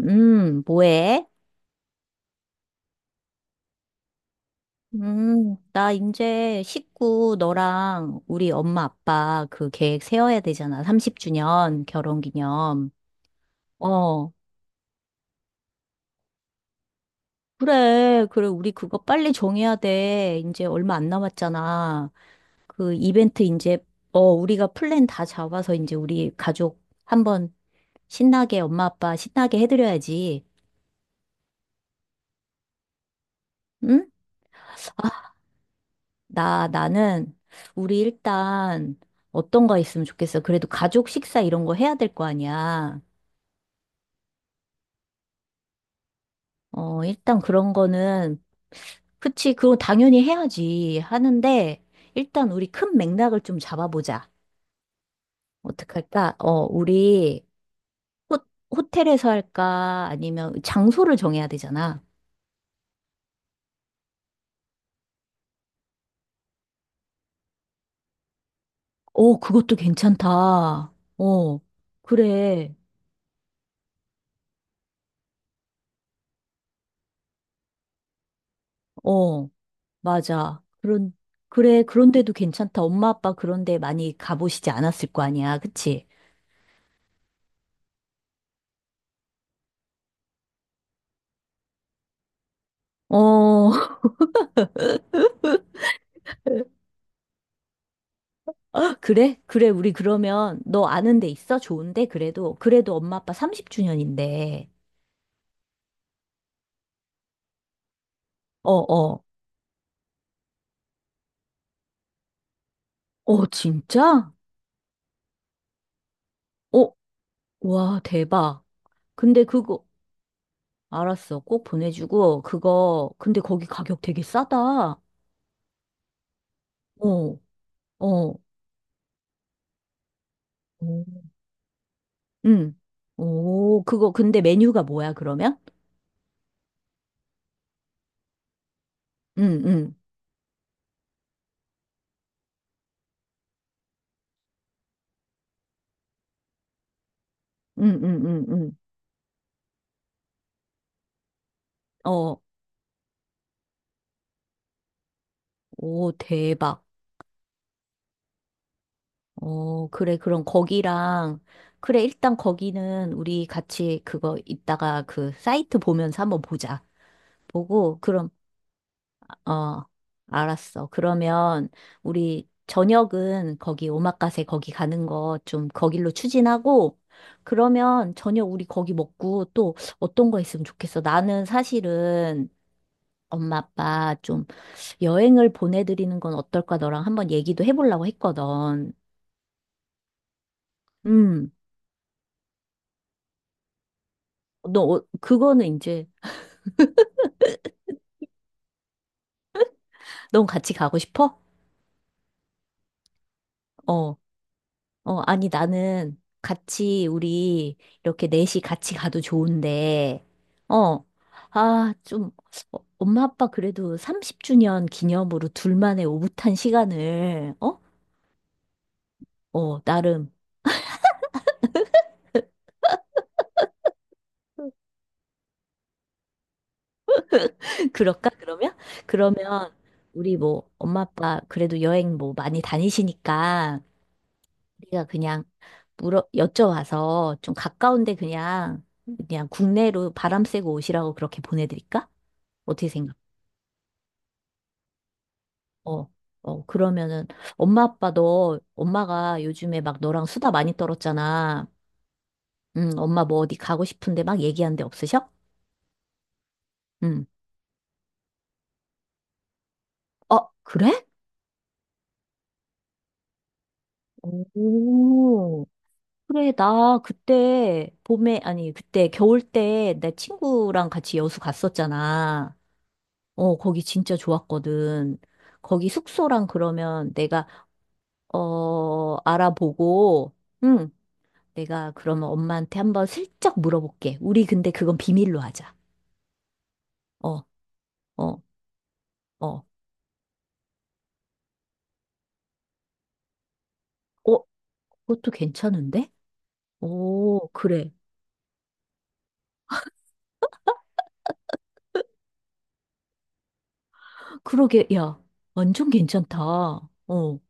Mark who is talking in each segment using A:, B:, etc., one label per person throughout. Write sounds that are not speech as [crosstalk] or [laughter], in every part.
A: 뭐해? 나 이제 식구 너랑 우리 엄마 아빠 그 계획 세워야 되잖아. 30주년 결혼 기념. 어, 그래. 그래. 우리 그거 빨리 정해야 돼. 이제 얼마 안 남았잖아. 그 이벤트 이제, 어, 우리가 플랜 다 잡아서 이제 우리 가족 한번 신나게 엄마 아빠 신나게 해드려야지. 응? 아, 나는, 우리 일단, 어떤 거 있으면 좋겠어. 그래도 가족 식사 이런 거 해야 될 거 아니야. 어, 일단 그런 거는, 그치, 그건 당연히 해야지. 하는데, 일단 우리 큰 맥락을 좀 잡아보자. 어떡할까? 어, 우리, 호, 호텔에서 할까? 아니면 장소를 정해야 되잖아. 어, 그것도 괜찮다. 어, 그래. 어. 맞아. 그런, 그래, 그런데도 괜찮다. 엄마 아빠 그런데 많이 가보시지 않았을 거 아니야. 그치? 어, [laughs] 아, 그래? 그래, 우리 그러면 너 아는 데 있어? 좋은데? 그래도, 그래도 엄마 아빠 30주년인데. 어, 어. 어, 진짜? 어, 와, 대박. 근데 그거, 알았어. 꼭 보내주고, 그거, 근데 거기 가격 되게 싸다. 어, 어, 오. 응. 오, 그거, 근데 메뉴가 뭐야, 그러면? 응, 응. 응, 응, 응, 응. 어, 오, 대박. 어, 그래, 그럼 거기랑, 그래, 일단 거기는 우리 같이 그거 이따가 그 사이트 보면서 한번 보자. 보고, 그럼, 어, 알았어. 그러면 우리 저녁은 거기 오마카세 거기 가는 거 좀 거길로 추진하고, 그러면 저녁 우리 거기 먹고 또 어떤 거 있으면 좋겠어. 나는 사실은 엄마 아빠 좀 여행을 보내드리는 건 어떨까 너랑 한번 얘기도 해보려고 했거든. 음, 너, 어, 그거는 이제, 넌 같이 가고 싶어? 어, 어, 아니, 나는 같이, 우리, 이렇게 넷이 같이 가도 좋은데, 어, 아, 좀, 어, 엄마 아빠 그래도 30주년 기념으로 둘만의 오붓한 시간을, 어? 어, 나름, [laughs] 그럴까, 그러면? 그러면, 우리 뭐, 엄마 아빠 그래도 여행 뭐 많이 다니시니까, 우리가 그냥 물어 여쭤와서 좀 가까운데 그냥 그냥 국내로 바람 쐬고 오시라고 그렇게 보내드릴까? 어떻게 생각? 어, 어 그러면은 엄마 아빠도 엄마가 요즘에 막 너랑 수다 많이 떨었잖아. 응, 엄마 뭐 어디 가고 싶은데 막 얘기한 데 없으셔? 응. 어, 그래? 오. 그래, 나 그때 봄에, 아니, 그때 겨울 때 내 친구랑 같이 여수 갔었잖아. 어, 거기 진짜 좋았거든. 거기 숙소랑 그러면 내가, 어, 알아보고, 응, 내가 그러면 엄마한테 한번 슬쩍 물어볼게. 우리 근데 그건 비밀로 하자. 어, 어, 어. 어, 그것도 괜찮은데? 오, 그래. 그러게, 야, 완전 괜찮다. 어, 어,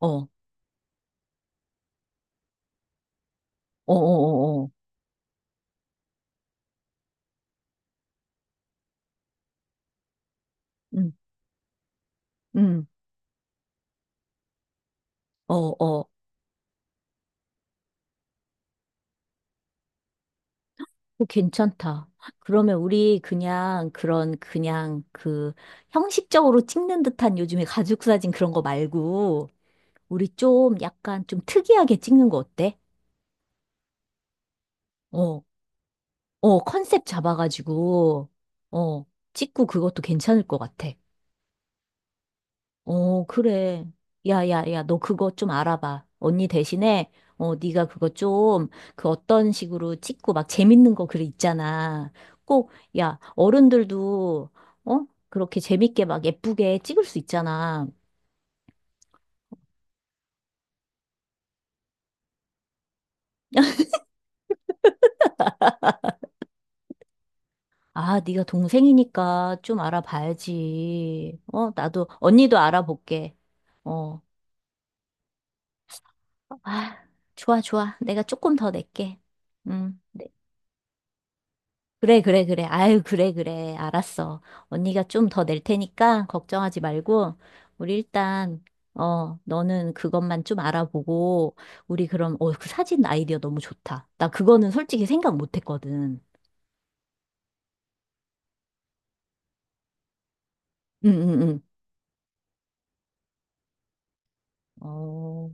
A: 어, 어, 어, 어. 응, 응, 어, 어. 오, 괜찮다. 그러면 우리 그냥 그런 그냥 그 형식적으로 찍는 듯한 요즘에 가족 사진 그런 거 말고 우리 좀 약간 좀 특이하게 찍는 거 어때? 어, 어, 컨셉 잡아가지고 어, 찍고 그것도 괜찮을 것 같아. 어, 그래. 야, 야, 야, 너 그거 좀 알아봐. 언니 대신에, 어, 네가 그거 좀, 그 어떤 식으로 찍고 막 재밌는 거 글 있잖아. 꼭, 야, 어른들도, 어? 그렇게 재밌게 막 예쁘게 찍을 수 있잖아. 아, 네가 동생이니까 좀 알아봐야지. 어, 나도, 언니도 알아볼게. 어, 아, 좋아, 좋아. 내가 조금 더 낼게. 응. 그래, 그래, 그래. 아유, 그래, 그래. 알았어. 언니가 좀 더 낼 테니까 걱정하지 말고, 우리 일단, 어, 너는 그것만 좀 알아보고, 우리 그럼, 어, 그 사진 아이디어 너무 좋다. 나 그거는 솔직히 생각 못 했거든. 응, 응, 응. 어,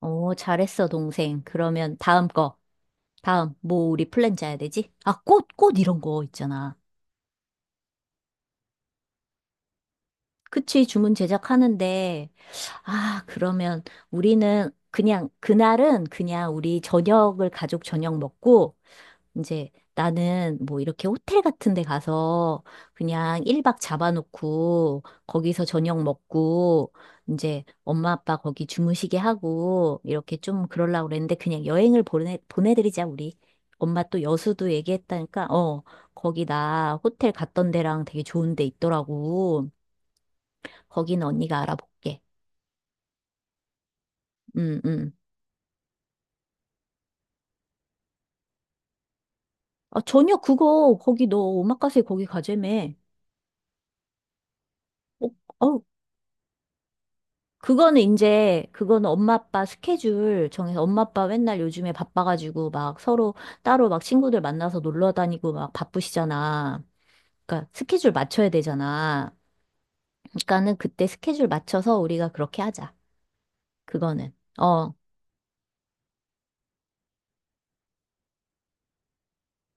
A: 어, 잘했어, 동생. 그러면 다음 거. 다음, 뭐, 우리 플랜 짜야 되지? 아, 꽃 이런 거 있잖아. 그치, 주문 제작하는데, 아, 그러면 우리는 그냥, 그날은 그냥 우리 저녁을 가족 저녁 먹고, 이제 나는 뭐 이렇게 호텔 같은 데 가서 그냥 1박 잡아놓고 거기서 저녁 먹고, 이제 엄마 아빠 거기 주무시게 하고, 이렇게 좀 그러려고 그랬는데 그냥 여행을 보내드리자, 우리. 엄마 또 여수도 얘기했다니까, 어, 거기 나 호텔 갔던 데랑 되게 좋은 데 있더라고. 거기는 언니가 알아볼게. 응, 응. 아, 전혀 그거, 거기 너 오마카세 거기 가재매. 어, 어, 그거는 이제, 그거는 엄마 아빠 스케줄 정해서 엄마 아빠 맨날 요즘에 바빠가지고 막 서로 따로 막 친구들 만나서 놀러 다니고 막 바쁘시잖아. 그러니까 스케줄 맞춰야 되잖아. 그러니까는 그때 스케줄 맞춰서 우리가 그렇게 하자. 그거는. 어,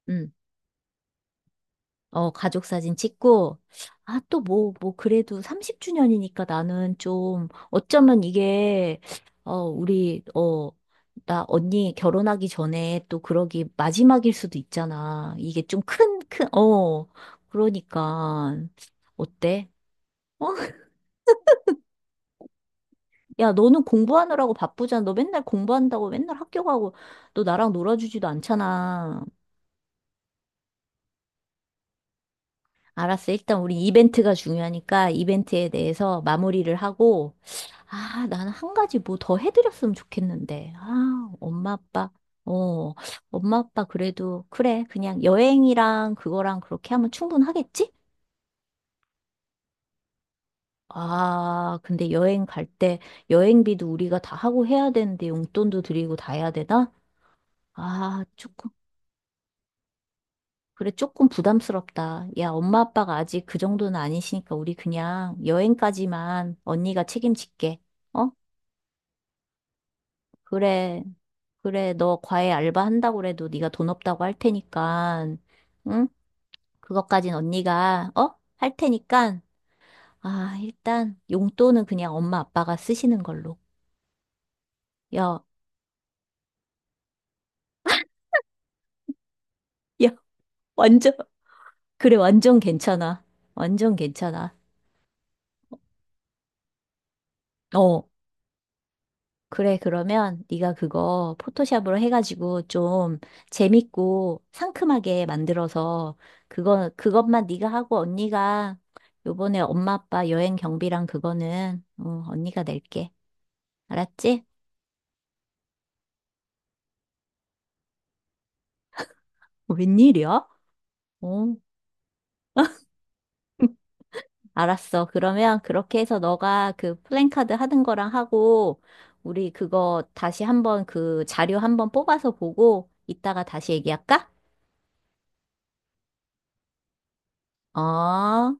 A: 음. 어, 가족 사진 찍고, 아, 또 뭐, 뭐, 그래도 30주년이니까 나는 좀, 어쩌면 이게, 어, 우리, 어, 나 언니 결혼하기 전에 또 그러기 마지막일 수도 있잖아. 이게 좀 큰, 어, 그러니까, 어때? 어? [laughs] 야, 너는 공부하느라고 바쁘잖아. 너 맨날 공부한다고 맨날 학교 가고, 너 나랑 놀아주지도 않잖아. 알았어. 일단 우리 이벤트가 중요하니까 이벤트에 대해서 마무리를 하고, 아, 나는 한 가지 뭐 더 해드렸으면 좋겠는데. 아, 엄마 아빠, 어, 엄마 아빠 그래도, 그래. 그냥 여행이랑 그거랑 그렇게 하면 충분하겠지? 아, 근데 여행 갈 때 여행비도 우리가 다 하고 해야 되는데 용돈도 드리고 다 해야 되나? 아, 조금. 그래, 조금 부담스럽다. 야, 엄마 아빠가 아직 그 정도는 아니시니까 우리 그냥 여행까지만 언니가 책임질게. 어? 그래, 그래, 너 과외 알바 한다고 그래도 네가 돈 없다고 할 테니까, 응? 그것까진 언니가, 어? 할 테니까, 아, 일단 용돈은 그냥 엄마 아빠가 쓰시는 걸로. 야, 야, 완전, 그래, 완전 괜찮아. 완전 괜찮아. 어, 그래, 그러면 네가 그거 포토샵으로 해가지고 좀 재밌고 상큼하게 만들어서 그거, 그것만 네가 하고 언니가 요번에 엄마 아빠 여행 경비랑 그거는 어, 언니가 낼게. 알았지? 어, 웬일이야? 어, 알았어. 그러면 그렇게 해서 너가 그 플랜카드 하는 거랑 하고 우리 그거 다시 한번 그 자료 한번 뽑아서 보고 이따가 다시 얘기할까? 어.